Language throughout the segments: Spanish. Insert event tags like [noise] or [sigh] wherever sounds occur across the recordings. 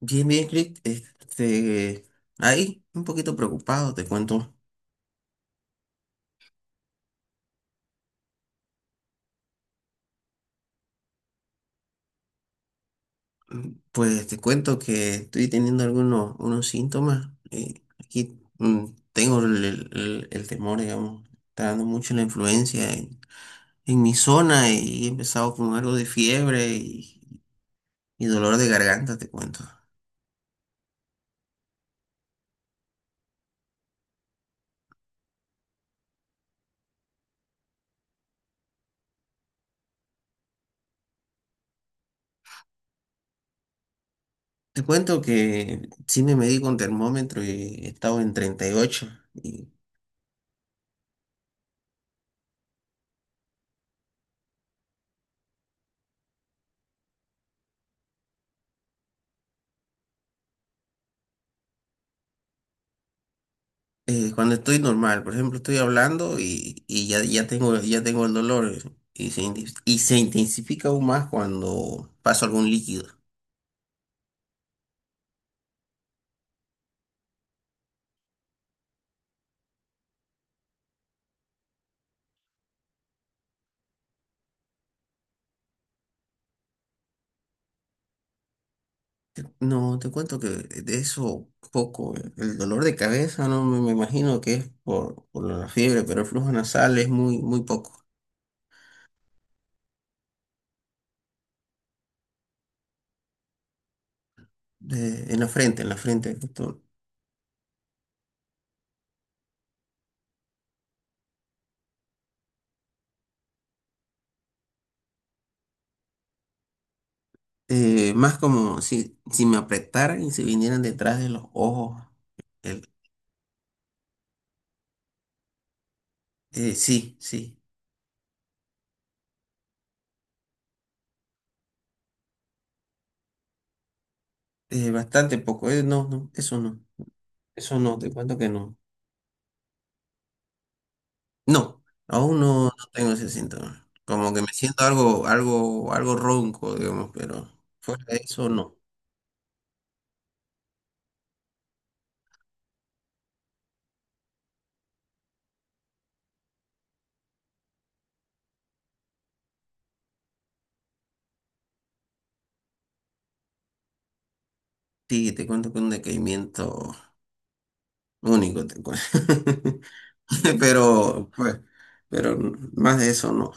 Bien, bien, Crick, ahí un poquito preocupado, te cuento. Pues te cuento que estoy teniendo algunos unos síntomas. Aquí tengo el temor, digamos, está dando mucho la influencia en mi zona y he empezado con algo de fiebre y dolor de garganta, te cuento. Te cuento que sí me medí con termómetro y he estado en 38. Cuando estoy normal, por ejemplo, estoy hablando y ya tengo el dolor, y y se intensifica aún más cuando paso algún líquido. No, te cuento que de eso poco, el dolor de cabeza no me, me imagino que es por la fiebre, pero el flujo nasal es muy, muy poco. En la frente, justo. Más como si, si me apretaran y se vinieran detrás de los ojos. el- sí, sí. Eh, bastante poco, no, no, eso no. Eso no, te cuento que no. No, aún no, no tengo ese síntoma. Como que me siento algo, algo, algo ronco, digamos, pero fuera de eso no. Sí, te cuento que un decaimiento único, te cuento. [laughs] Pero, pues, pero más de eso no.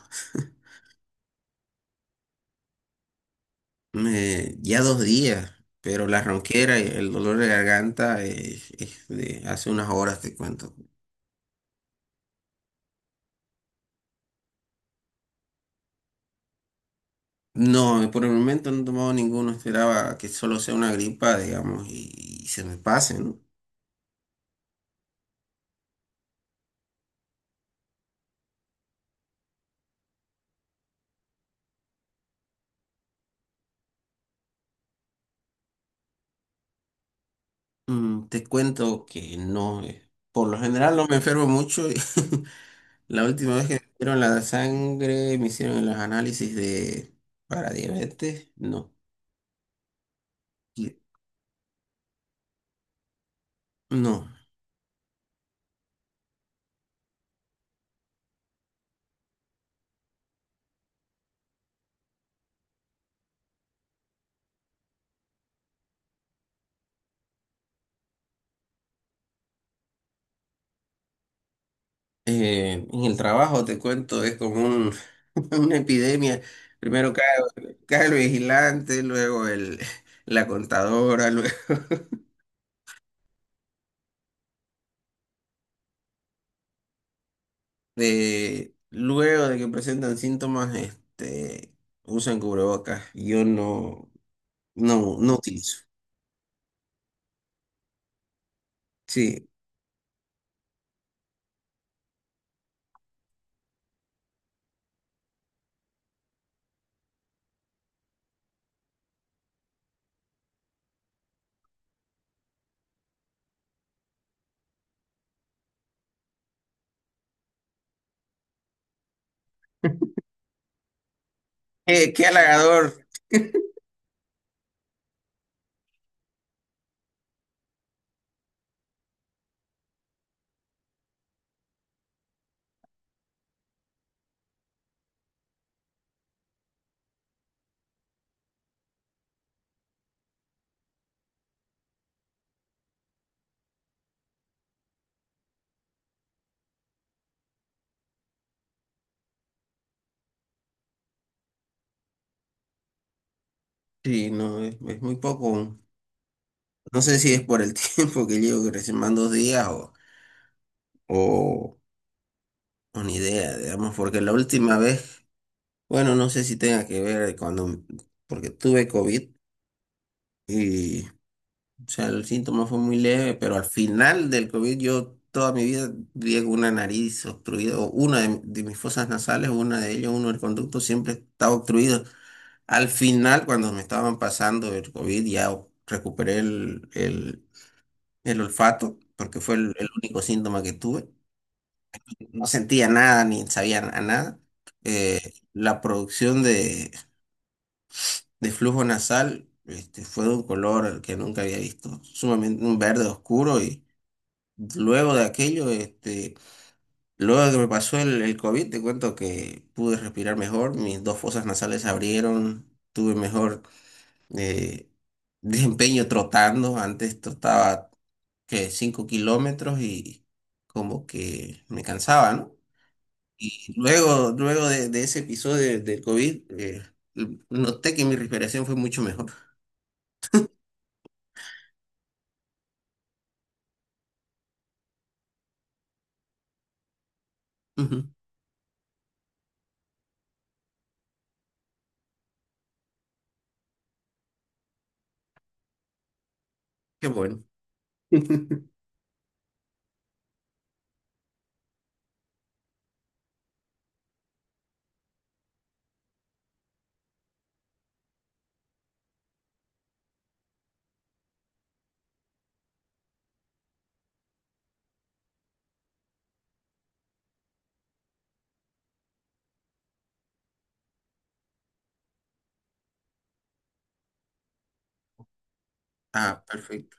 Ya dos días, pero la ronquera y el dolor de garganta es de hace unas horas, te cuento. No, por el momento no he tomado ninguno, esperaba que solo sea una gripa, digamos, y se me pase, ¿no? Mm, te cuento que no, por lo general no me enfermo mucho. [laughs] Y la última vez que me hicieron la sangre, me hicieron los análisis de para diabetes, no, y- no. En el trabajo, te cuento, es como [laughs] una epidemia. Primero cae el vigilante, luego el, [laughs] la contadora, de luego de que presentan síntomas, este, usan cubrebocas. Yo no, no, no utilizo. Sí. Qué halagador. Sí, no, es muy poco. No sé si es por el [laughs] tiempo que llevo, que recién van dos días o, o ni idea, digamos, porque la última vez, bueno, no sé si tenga que ver cuando, porque tuve COVID y, o sea, el síntoma fue muy leve, pero al final del COVID yo toda mi vida viví con una nariz obstruida, o una de mis fosas nasales, una de ellas, uno del conducto, siempre estaba obstruido. Al final, cuando me estaban pasando el COVID, ya recuperé el olfato, porque fue el único síntoma que tuve. No sentía nada ni sabía a nada. Eh, la producción de flujo nasal, este, fue de un color que nunca había visto, sumamente un verde oscuro. Y luego de aquello, este, luego de que me pasó el COVID, te cuento que pude respirar mejor, mis dos fosas nasales se abrieron, tuve mejor, eh, [laughs] desempeño trotando. Antes trotaba que 5 kilómetros y como que me cansaba, ¿no? Y luego, luego de ese episodio del COVID, noté que mi respiración fue mucho mejor. Ujú. Qué bueno. [laughs] Ah, perfecto.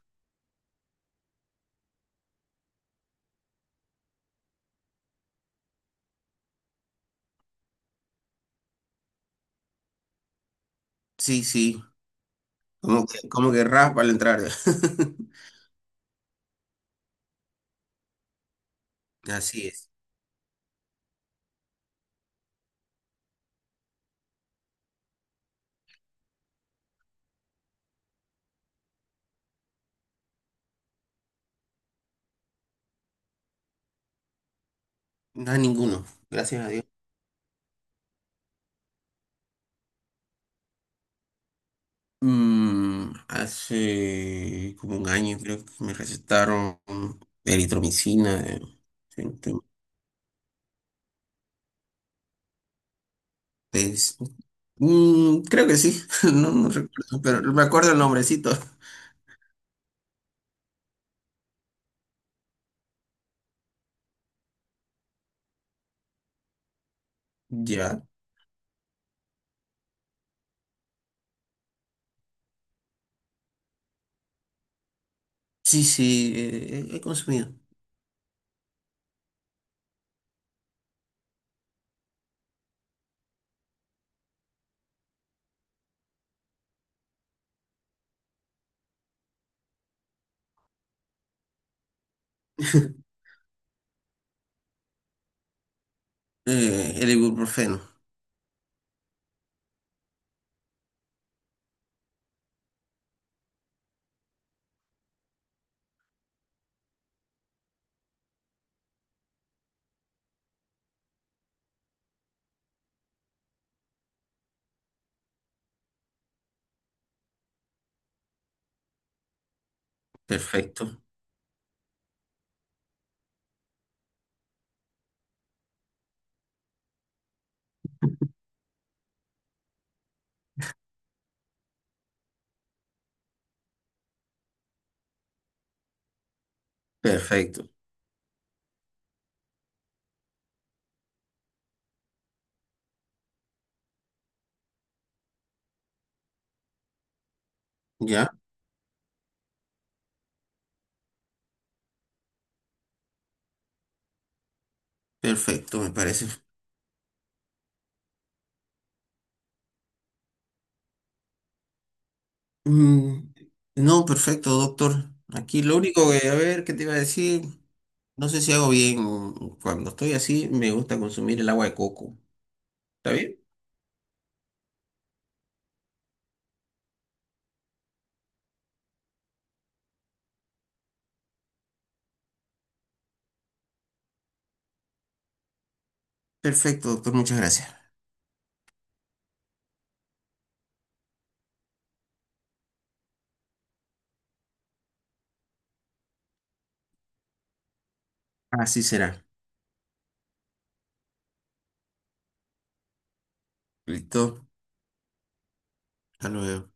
Sí, sí, como que raspa al entrar. [laughs] Así es. No a ninguno, gracias a Dios. Mm, hace como 1 año creo que me recetaron eritromicina. Gente- es- mm, creo que sí, [laughs] no, no recuerdo, pero me acuerdo el nombrecito. Ya. Sí, sí, he consumido. [laughs] El ibuprofeno. Perfecto, perfecto. Ya, perfecto, me parece. Mm, no, perfecto, doctor. Aquí lo único que, a ver, ¿qué te iba a decir? No sé si hago bien, mm, cuando estoy así, me gusta consumir el agua de coco. ¿Está bien? Perfecto, doctor, muchas gracias. Así será. Listo, hasta luego.